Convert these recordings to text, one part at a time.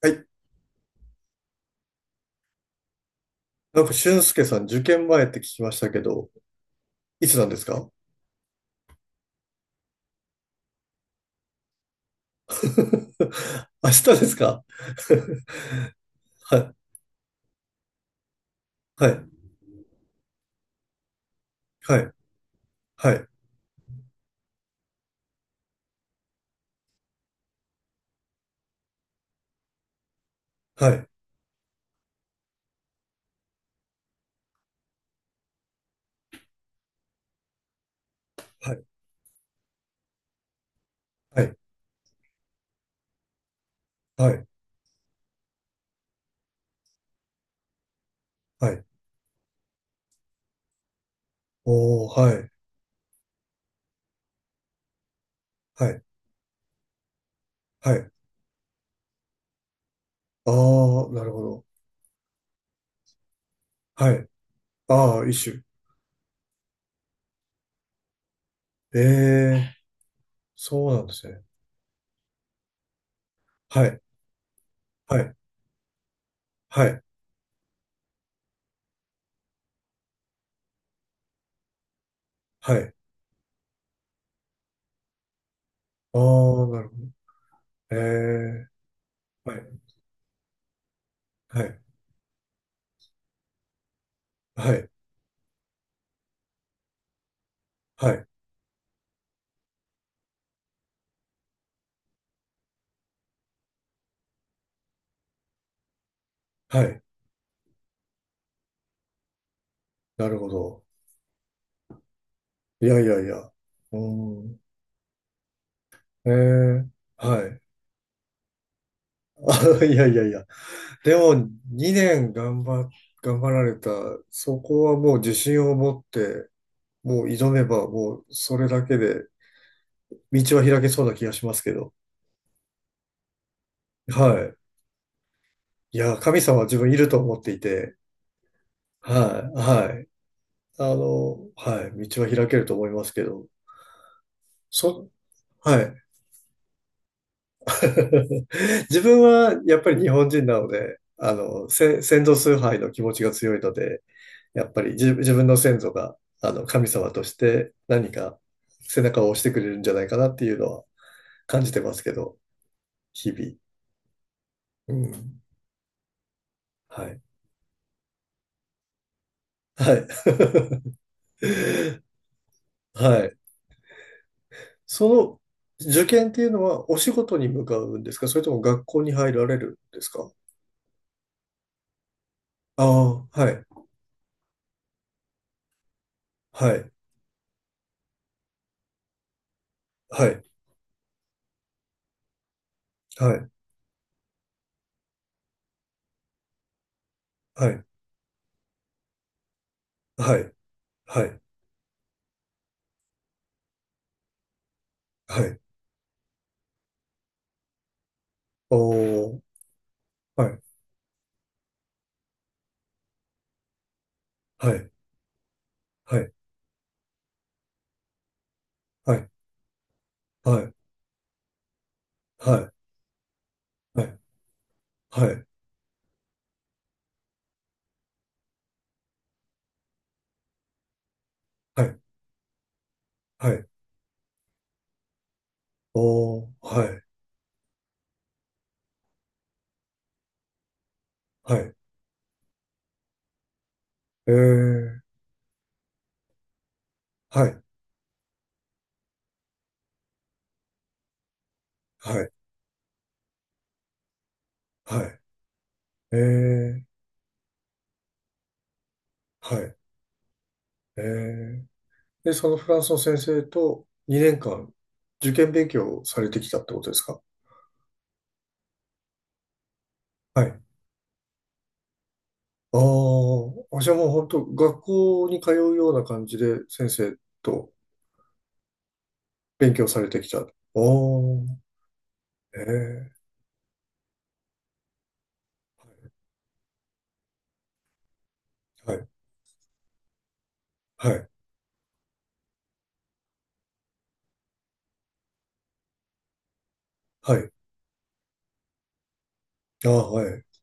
はい。俊介さん、受験前って聞きましたけど、いつなんですか？ 明日ですか？ はい、はい、はい、はい、はい、はい、はい、はい、はい。おー、はい、はい、はい。あー、なるほど。はい。あー、一種。えー、そうなんですね。はい、はい、はい、はい。あー、なるほど。えー、はい、はい、はい、はい、はい。なるほど。いやいやいや。うーん。ええ、はい。あ、いやいやいや。でも、2年頑張、頑張られた、そこはもう自信を持って、もう挑めば、もうそれだけで、道は開けそうな気がしますけど。はい。いや、神様は自分いると思っていて、はい、はい。あの、はい、道は開けると思いますけど、そ、はい。自分はやっぱり日本人なので、あの、先祖崇拝の気持ちが強いので、やっぱり自分の先祖が、あの、神様として何か背中を押してくれるんじゃないかなっていうのは感じてますけど、日々。うん。はい。はい。はい。その受験っていうのはお仕事に向かうんですか？それとも学校に入られるんですか？ああー、はい。はい。はい。はい。はい。はい。はい。はい。おー、はい、はい、はい、はい、はい、はい、はい、はい、はい、はい、おー、はい、はい、えー、はい、はい、はい、えー、はい、えー。で、そのフランスの先生と2年間受験勉強をされてきたってことですか？はい。ああ、じゃあもう本当学校に通うような感じで先生と勉強されてきた。おー、えー、はい、はい、はい、ああはい。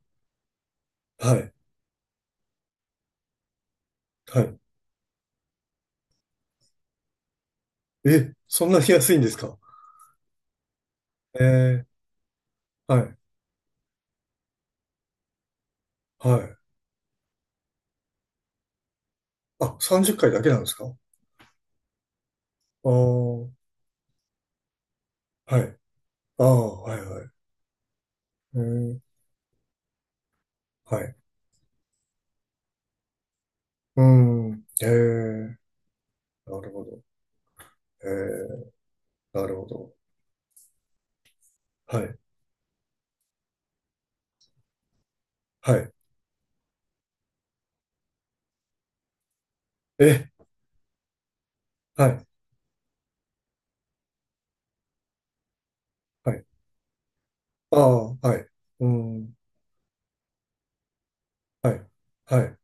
はい。はい。え、そんなに安いんですか？えーはい。はい。あ、30回だけなんですか？ああー、はい。ああ、はい、はい。えー、はい。うん。えーなるほど。ええなるほど。はい。はい。え、はい。はい。ああ、はい。うん。はい。はい。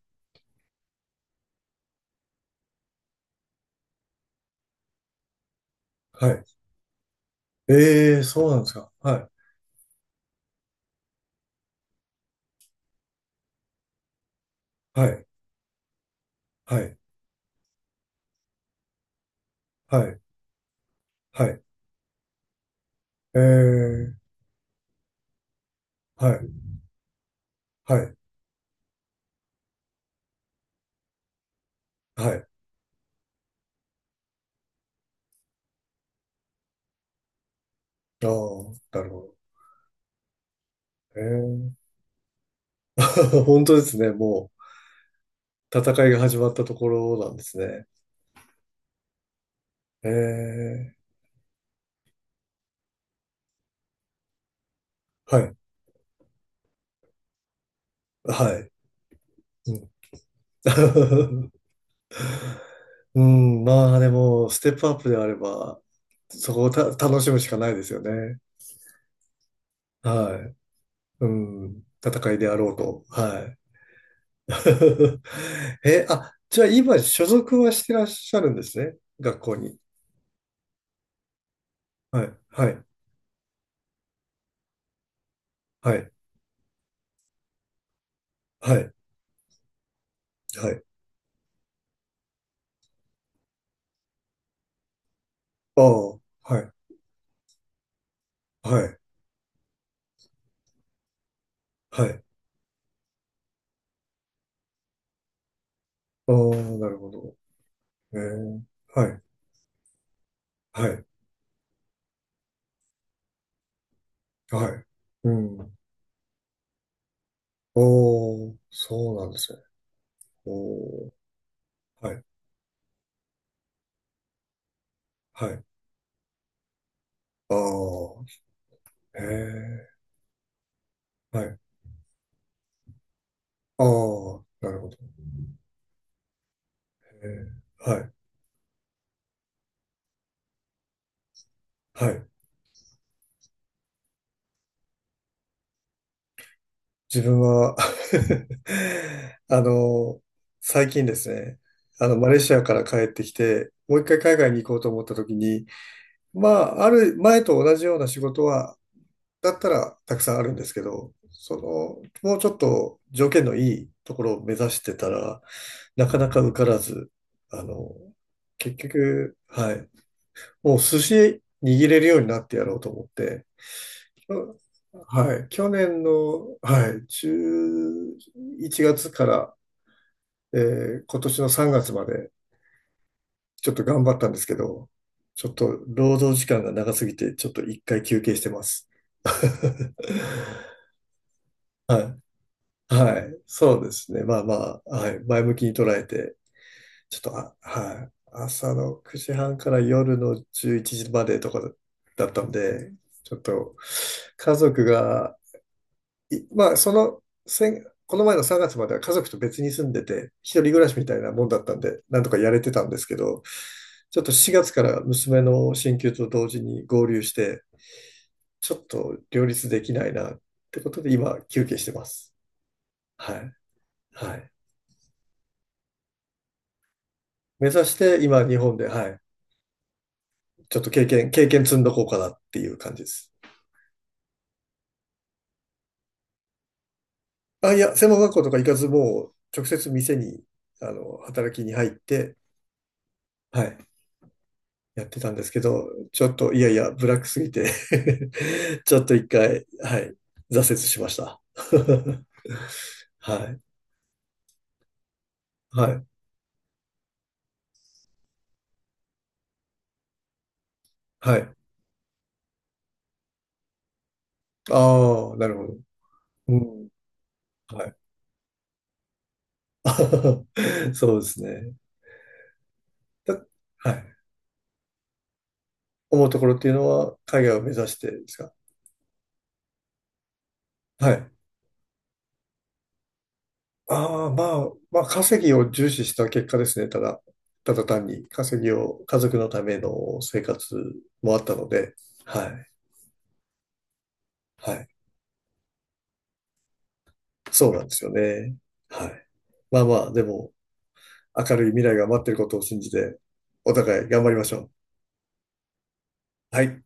はい。えーそうなんですか？はい。はい。はい。はい。はい。えーはい。はい。はい。ああ、なるほど。ええ 本当ですね。もう、戦いが始まったところなんですね。ええ、はい。はい。うん。うん、まあでも、ステップアップであれば、そこを楽しむしかないですよね。はい。うん。戦いであろうと。はい。え、あ、じゃあ今、所属はしてらっしゃるんですね。学校に。はい。はい。はい。はい。はい。ああ、はい。はい。はい。ああ、なるほど。えーはい。はい。はい。うん。おー、そうなんですね。おー、はい、はい。あー、へえ、はい。あー、なるほど。へえ、はい、はい。自分は あの、最近ですね、あの、マレーシアから帰ってきて、もう一回海外に行こうと思った時に、まあ、ある前と同じような仕事はだったらたくさんあるんですけど、その、もうちょっと条件のいいところを目指してたら、なかなか受からず、あの、結局、はい、もう寿司握れるようになってやろうと思って、うんはい、去年の、はい、11月から、えー今年の3月までちょっと頑張ったんですけど、ちょっと労働時間が長すぎて、ちょっと一回休憩してます。はいはい。そうですね。まあまあ、はい。前向きに捉えて、ちょっと、あ、はい。朝の9時半から夜の11時までとかだったんで、ちょっと、家族が、いまあ、その、先この前の3月までは家族と別に住んでて、一人暮らしみたいなもんだったんで、なんとかやれてたんですけど、ちょっと4月から娘の進級と同時に合流して、ちょっと両立できないなってことで、今、休憩してます。はい。はい。目指して今日本で、はい、ちょっと経験積んどこうかなっていう感じです。あ、いや、専門学校とか行かずもう直接店に、あの、働きに入って、はい、やってたんですけど、ちょっと、いやいや、ブラックすぎて ちょっと一回、はい、挫折しました。はい、はい、はい。ああ、なるほど。うん、はい。そうですね。だはい。思うところっていうのは、海外を目指してですか？はい。ああ、まあ、まあ、稼ぎを重視した結果ですね。ただ、ただ単に稼ぎを、家族のための生活もあったので、はい、はい。そうなんですよね。はい。まあまあ、でも、明るい未来が待ってることを信じて、お互い頑張りましょう。はい。